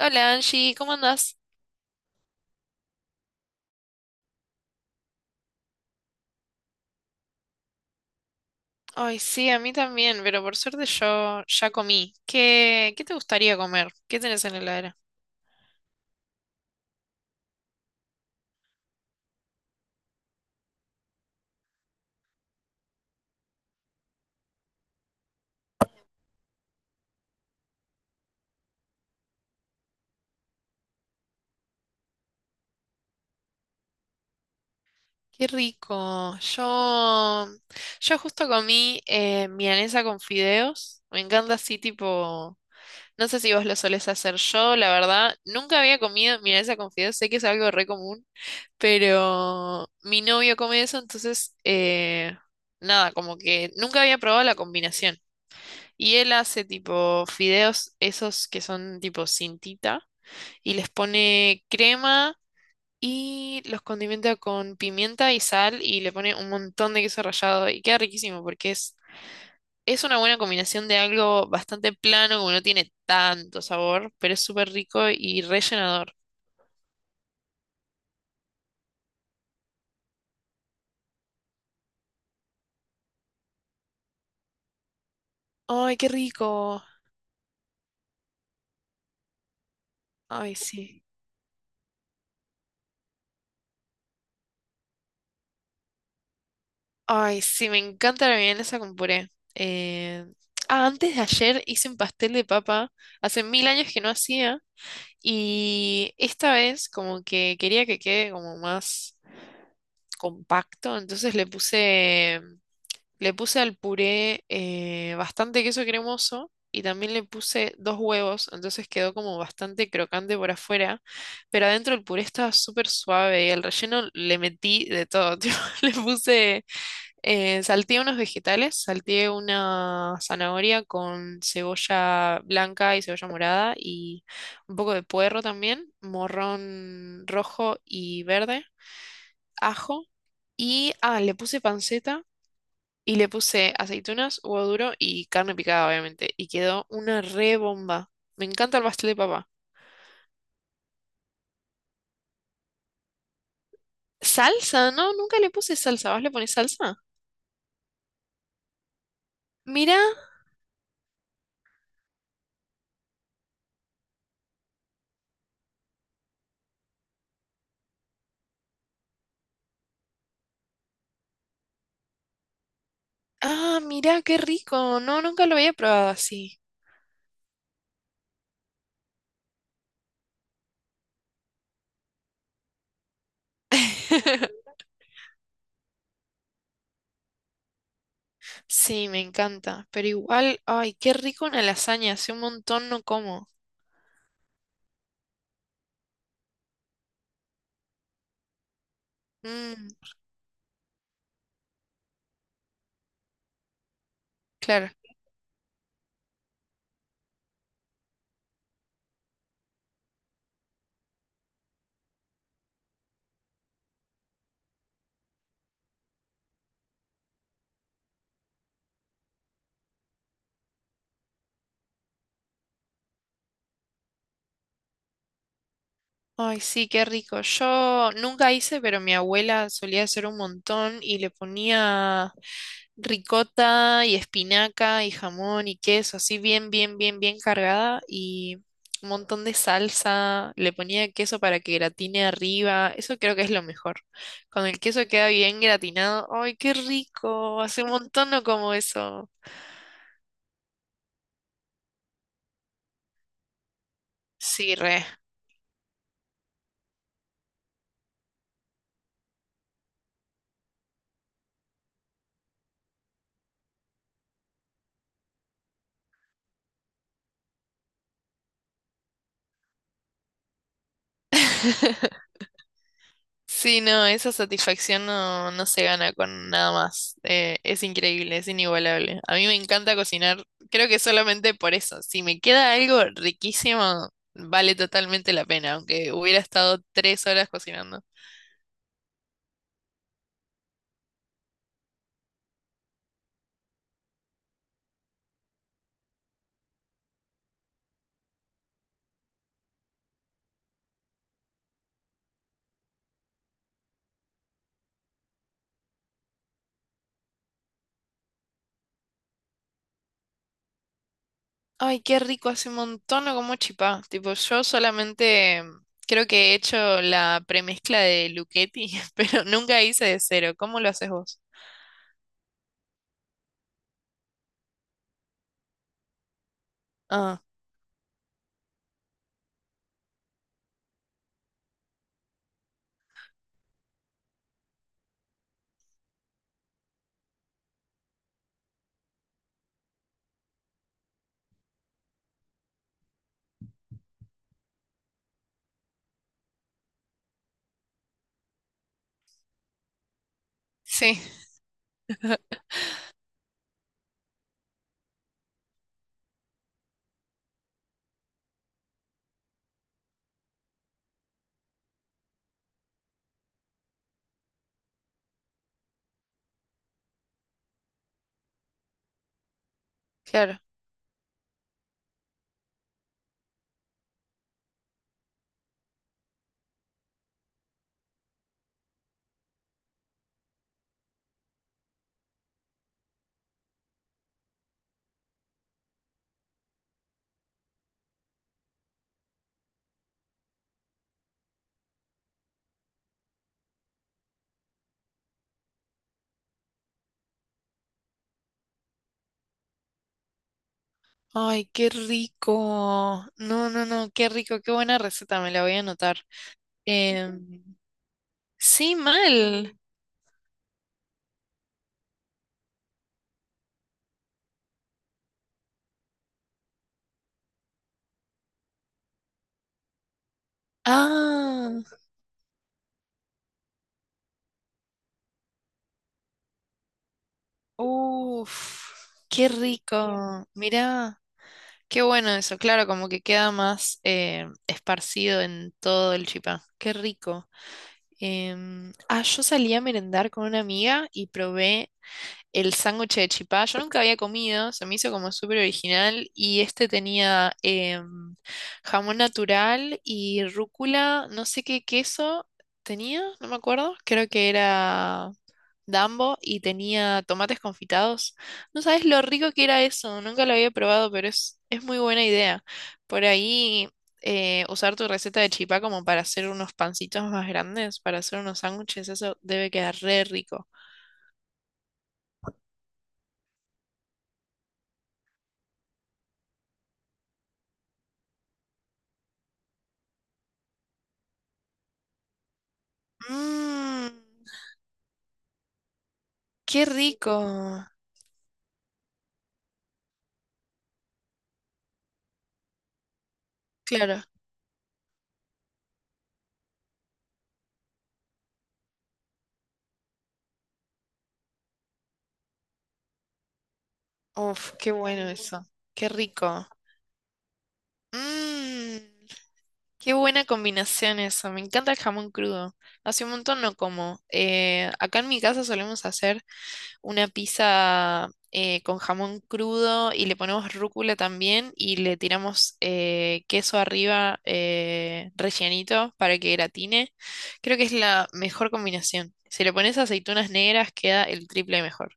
Hola Angie, ¿cómo andás? Ay, sí, a mí también, pero por suerte yo ya comí. ¿Qué te gustaría comer? ¿Qué tenés en la heladera? Qué rico. Yo justo comí milanesa con fideos. Me encanta así tipo, no sé si vos lo solés hacer yo, la verdad. Nunca había comido milanesa con fideos, sé que es algo re común, pero mi novio come eso, entonces, nada, como que nunca había probado la combinación. Y él hace tipo fideos, esos que son tipo cintita, y les pone crema y los condimenta con pimienta y sal y le pone un montón de queso rallado y queda riquísimo porque es una buena combinación de algo bastante plano, como no tiene tanto sabor, pero es súper rico y rellenador. ¡Ay, qué rico! ¡Ay, sí! ¡Ay, sí! Me encanta la milanesa con puré. Eh, antes de ayer hice un pastel de papa. Hace mil años que no hacía. Y esta vez como que quería que quede como más compacto, le puse al puré bastante queso cremoso y también le puse dos huevos, entonces quedó como bastante crocante por afuera, pero adentro el puré estaba súper suave y el relleno le metí de todo, tipo, le puse salteé unos vegetales, salteé una zanahoria con cebolla blanca y cebolla morada y un poco de puerro también, morrón rojo y verde, ajo y ah, le puse panceta y le puse aceitunas, huevo duro y carne picada obviamente y quedó una re bomba. Me encanta el pastel de papa. Salsa, no, nunca le puse salsa, ¿vos le ponés salsa? Mira, ah, mira, qué rico. No, nunca lo había probado así. Sí, me encanta. Pero igual, ay, qué rico una lasaña. Hace un montón no como. Mm, claro. Ay, sí, qué rico. Yo nunca hice, pero mi abuela solía hacer un montón y le ponía ricota y espinaca y jamón y queso, así bien, bien, bien, bien cargada y un montón de salsa. Le ponía queso para que gratine arriba. Eso creo que es lo mejor. Cuando el queso queda bien gratinado, ay, qué rico. Hace un montón no como eso. Sí, re. Sí, no, esa satisfacción no se gana con nada más. Es increíble, es inigualable. A mí me encanta cocinar, creo que solamente por eso. Si me queda algo riquísimo, vale totalmente la pena, aunque hubiera estado 3 horas cocinando. Ay, qué rico, hace un montón no como chipá. Tipo, yo solamente creo que he hecho la premezcla de Luchetti, pero nunca hice de cero. ¿Cómo lo haces vos? Ah, sí, claro. Ay, qué rico. No, no, no, qué rico, qué buena receta, me la voy a anotar. Em, sí, mal. Ah, uff, qué rico. Mirá, qué bueno eso. Claro, como que queda más esparcido en todo el chipá. Qué rico. Yo salí a merendar con una amiga y probé el sándwich de chipá. Yo nunca había comido, se me hizo como súper original y este tenía jamón natural y rúcula, no sé qué queso tenía, no me acuerdo, creo que era Dambo y tenía tomates confitados. No sabes lo rico que era eso, nunca lo había probado, pero es muy buena idea. Por ahí... usar tu receta de chipá como para hacer unos pancitos más grandes, para hacer unos sándwiches, eso debe quedar re rico. Mmm, qué rico. Claro. Uf, qué bueno eso. Qué rico. Mmm, qué buena combinación eso. Me encanta el jamón crudo. Hace un montón no como. Acá en mi casa solemos hacer una pizza con jamón crudo y le ponemos rúcula también y le tiramos queso arriba rellenito para que gratine. Creo que es la mejor combinación. Si le pones aceitunas negras queda el triple mejor.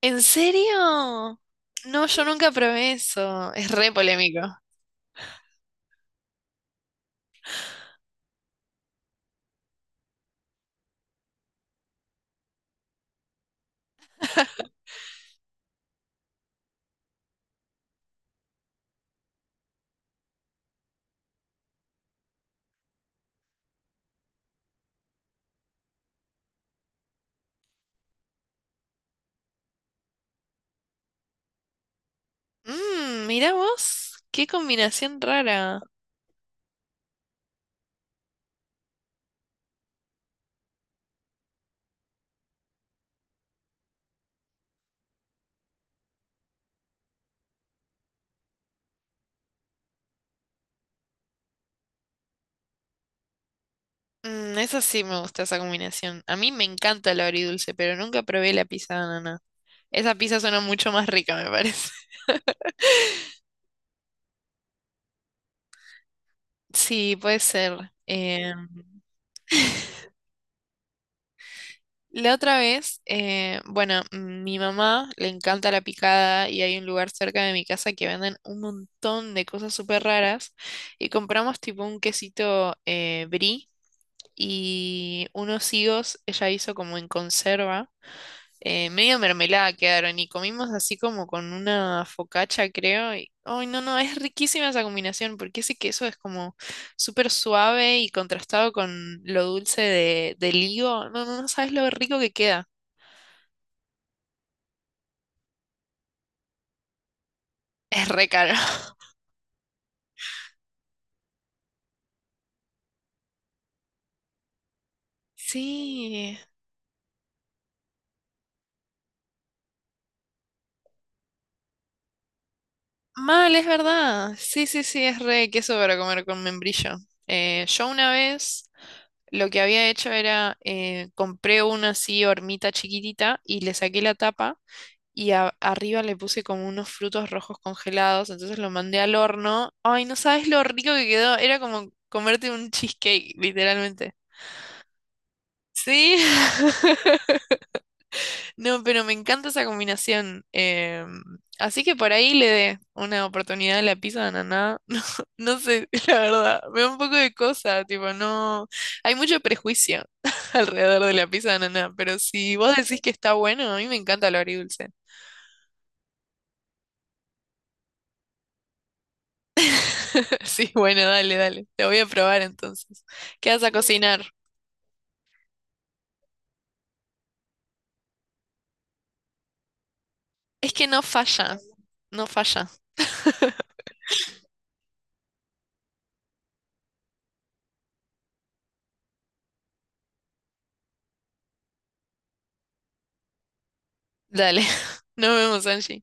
¿En serio? No, yo nunca probé eso. Es re polémico. Mmm, mirá vos, qué combinación rara. Mm, esa sí me gusta esa combinación. A mí me encanta el agridulce, pero nunca probé la pizza de ananá. Esa pizza suena mucho más rica, me parece. Sí, puede ser. Eh, la otra vez, mi mamá le encanta la picada y hay un lugar cerca de mi casa que venden un montón de cosas súper raras y compramos tipo un quesito brie y unos higos ella hizo como en conserva, medio mermelada quedaron y comimos así como con una focaccia, creo. Y, ay, no, no, es riquísima esa combinación porque ese queso es como súper suave y contrastado con lo dulce del higo. No, no, no sabes lo rico que queda. Es re caro. Sí, mal, es verdad. Sí, sí, sí, es re queso para comer con membrillo. Yo una vez lo que había hecho era compré una así hormita chiquitita y le saqué la tapa y arriba le puse como unos frutos rojos congelados, entonces lo mandé al horno. Ay, no sabes lo rico que quedó. Era como comerte un cheesecake, literalmente. Sí, no, pero me encanta esa combinación. Así que por ahí le dé una oportunidad a la pizza de ananá. No sé, la verdad, me da un poco de cosa, tipo, no, hay mucho prejuicio alrededor de la pizza de ananá, pero si vos decís que está bueno, a mí me encanta lo agridulce. Sí, bueno, dale, dale, te voy a probar entonces. ¿Qué vas a cocinar? Es que no falla, no falla. Dale, nos vemos, Angie.